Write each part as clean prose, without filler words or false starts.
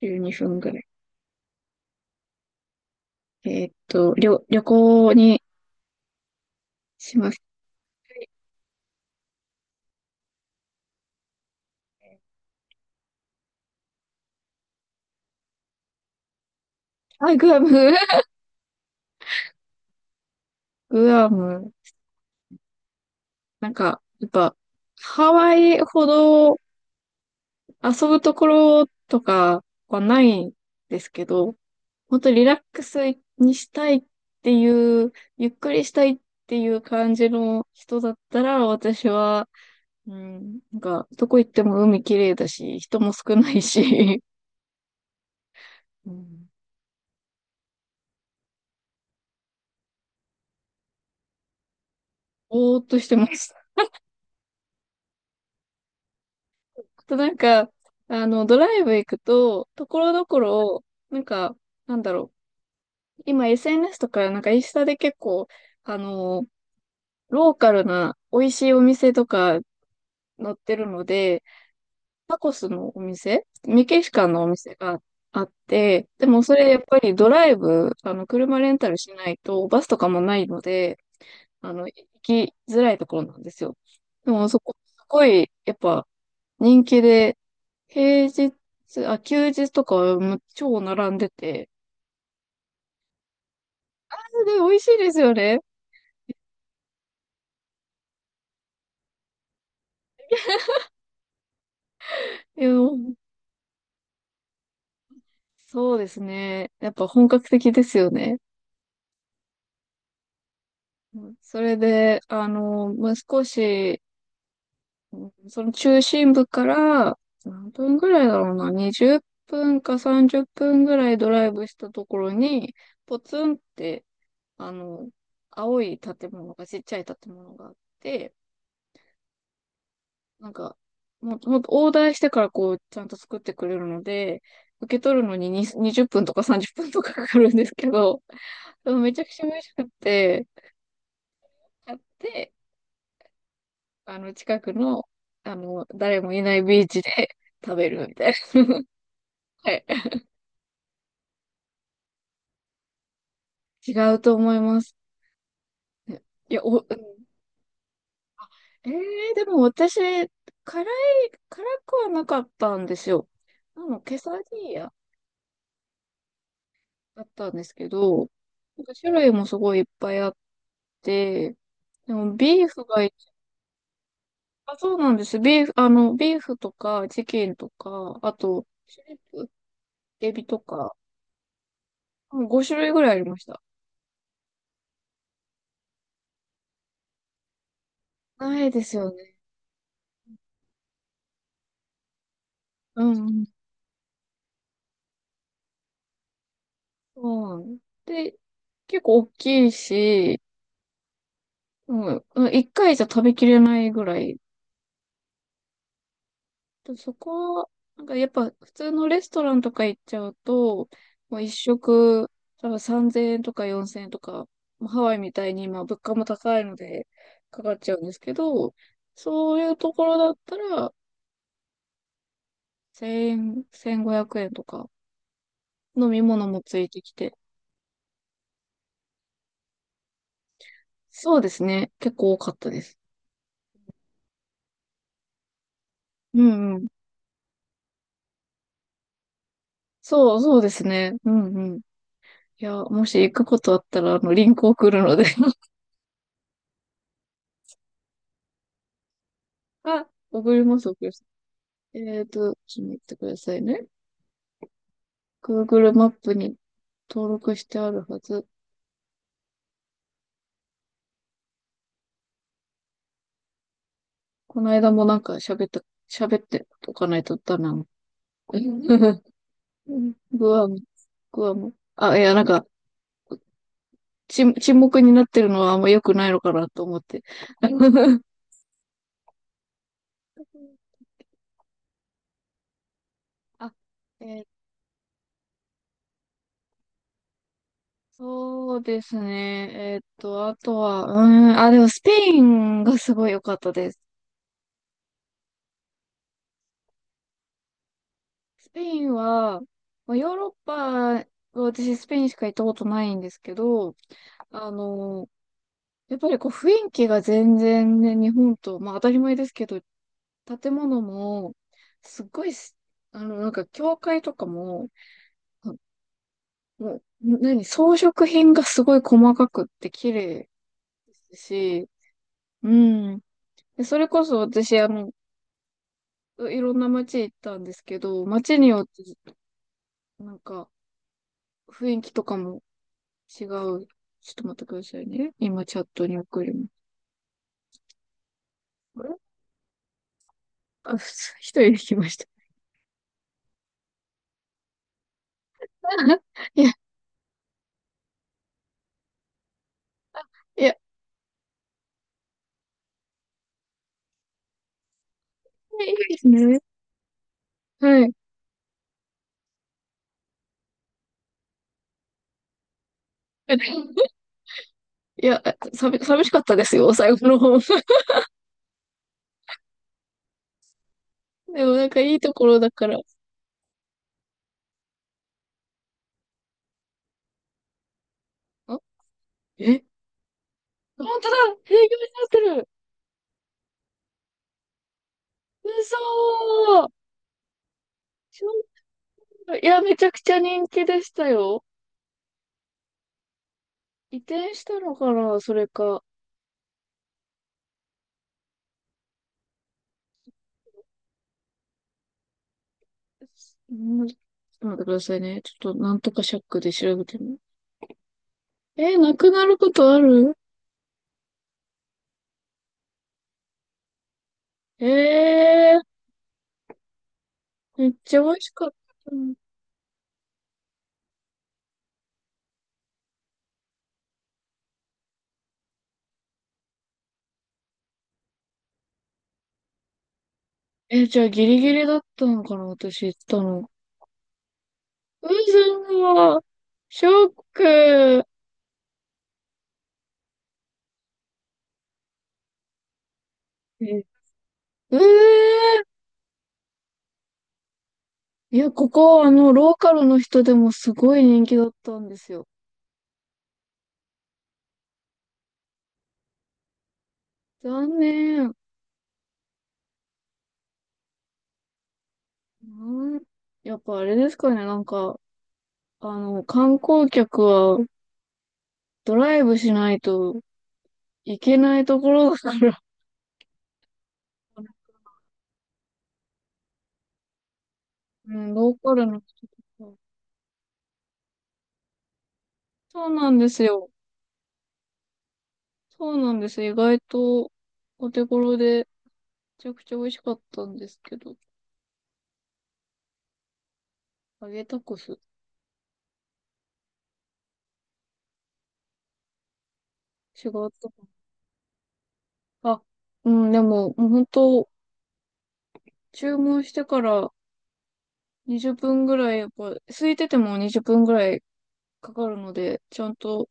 12分ぐらい。旅行にします。あ、グアム。 グアム。なんか、やっぱ、ハワイほど遊ぶところとかはないんですけど、本当リラックスにしたいっていう、ゆっくりしたいっていう感じの人だったら、私は、うん、なんか、どこ行っても海綺麗だし、人も少ないし。うん、ぼーっとしてます。となんか、あの、ドライブ行くと、ところどころ、なんか、なんだろう。今 SNS とか、なんかインスタで結構、あの、ローカルな美味しいお店とか載ってるので、タコスのお店、メキシカンのお店があって、でもそれやっぱりドライブ、あの、車レンタルしないと、バスとかもないので、あの、行きづらいところなんですよ。でもそこ、すごい、やっぱ、人気で、平日、あ、休日とかも超並んでて、で、美味しいですよね。いや、そうですね。やっぱ本格的ですよね。うん、それで、あの、もう少し、うん、その中心部から、何分ぐらいだろうな、20分か30分ぐらいドライブしたところに、ポツンって、あの、青い建物が、ちっちゃい建物があって、なんか、もう、ほんオーダーしてからこう、ちゃんと作ってくれるので、受け取るのに20分とか30分とかかかるんですけど、でもめちゃくちゃ美味しくて、買って、あの、近くの、あの、誰もいないビーチで 食べるみたいな。はい。違うと思います。ね。いや、お、うん、えでも私、辛くはなかったんですよ。あの、ケサディーヤだったんですけど、なんか種類もすごいいっぱいあって、でも、ビーフが一、あ、そうなんです。ビーフ、とか、チキンとか、あと、シュリンプ、エビとか、5種類ぐらいありました。ないですよね。うん、うん。そうなんで結構大きいし、うん、1回じゃ食べきれないぐらいと、そこ、なんかやっぱ普通のレストランとか行っちゃうと、もう一食、多分3000円とか4000円とか、もうハワイみたいに今物価も高いのでかかっちゃうんですけど、そういうところだったら、1円、1500円とか、飲み物もついてきて。そうですね。結構多かったです。うんうん。そうですね。うんうん。いや、もし行くことあったら、あの、リンク送るので。 あ、送ります、送ります。ちょっと待ってくださいね。Google マップに登録してあるはず。この間もなんか喋っておかないとダメなの。グアム、グアム。あ、いや、なんか、沈黙になってるのはあんま良くないのかなと思って。あ、えーそうですね。あとは、うーん、あ、でもスペインがすごい良かったです。スペインは、まあ、ヨーロッパ、私スペインしか行ったことないんですけど、あの、やっぱりこう雰囲気が全然ね、日本と、まあ当たり前ですけど、建物も、すっごいす、あの、なんか教会とかも、あ、もう、何、装飾品がすごい細かくって綺麗ですし、うん。で、それこそ私、あの、いろんな街行ったんですけど、街によって、なんか雰囲気とかも違う。ちょっと待ってくださいね。今チャットに送ります。あれ、あ、ふ一人で来ました。いや、いや、いいですね。はい。いや、寂しかったですよ、最後の方。でもなんかいいところだから。あ、え、本当だ。営業になってる。嘘ー。ちょいや、めちゃくちゃ人気でしたよ。移転したのかな、それか。うん、ちょっと待ってくださいね。ちょっとなんとかシャックで調べてみる。なくなることある。えー、めっちゃ美味しかった。じゃあギリギリだったのかな、私行ったの。う、さ、ショック。ええー、いや、ここ、あの、ローカルの人でもすごい人気だったんですよ。残念。うん、やっぱあれですかね、なんか、あの、観光客はドライブしないといけないところだから、うん、ローカルの人とか。そうなんですよ。そうなんです。意外と、お手頃で、めちゃくちゃ美味しかったんですけど、揚げタコス。違った。あ、うん、でも、もう本当、注文してから20分ぐらい、やっぱ、空いてても20分ぐらいかかるので、ちゃんと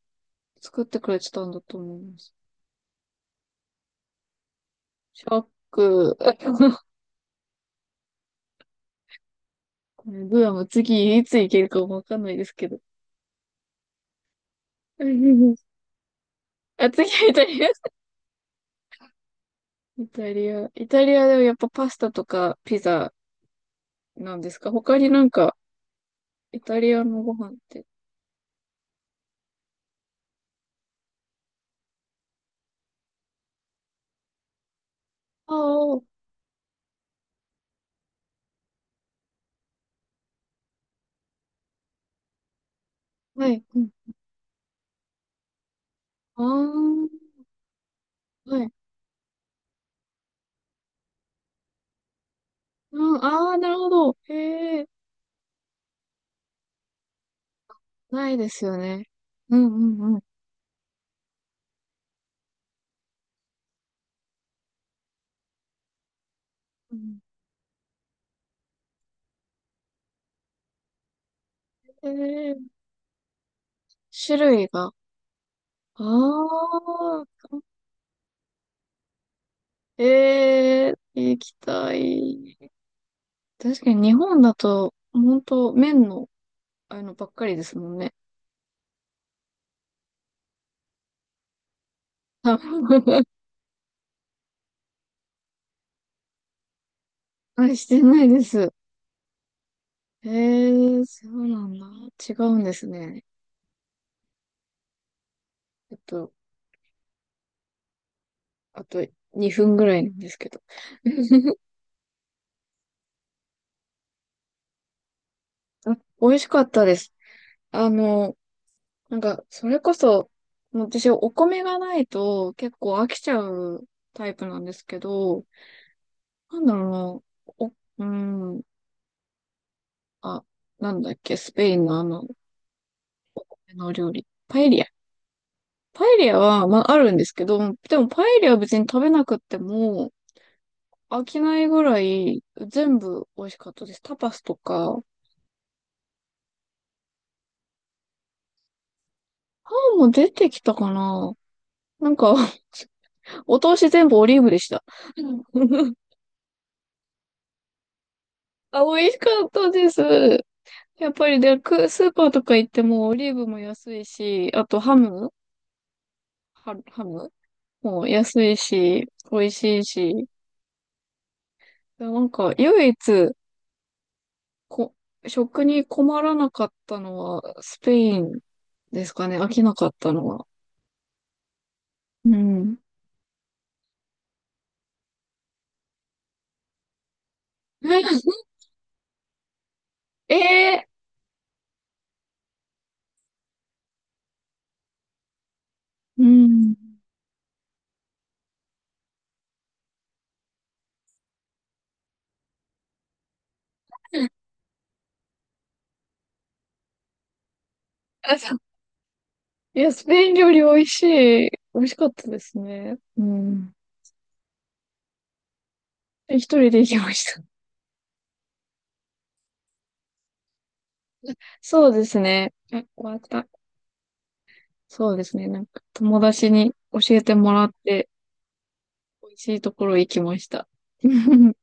作ってくれてたんだと思います。ショック。これグアム次いつ行けるかもわかんないですけど。あ、次はイタリア。イタリア。イタリアではやっぱパスタとかピザなんですか？他になんか、イタリアのご飯って。ああ、はい。うん、ああ、はい。うん、ああ、なるほど。へえ。ないですよね。うんうんうん。えー、種類が。ああ、液体。確かに日本だと、本当麺の、あの、ばっかりですもんね。多分。 あ、してないです。そうなんだ。違うんですね。ちょっと、あと2分ぐらいなんですけど。あ、美味しかったです。あの、なんか、それこそ、もう私、お米がないと結構飽きちゃうタイプなんですけど、なんだろうな、お、うーん、あ、なんだっけ、スペインのあの、あの料理。パエリア。パエリアは、まあ、あるんですけど、でもパエリアは別に食べなくっても、飽きないぐらい全部美味しかったです。タパスとか、パンも出てきたかな、なんか。お通し全部オリーブでした。うん。 あ、美味しかったです。やっぱりで、スーパーとか行ってもオリーブも安いし、あとハム、ハムも安いし、美味しいし、なんか唯一こ、食に困らなかったのはスペインですかね、飽きなかったのは。うん。ええ、うん。あ、そう、いや、スペイン料理美味しかったですね。うん。一人で行きました。そうですね。あ、終わった。そうですね。なんか友達に教えてもらって、美味しいところ行きました。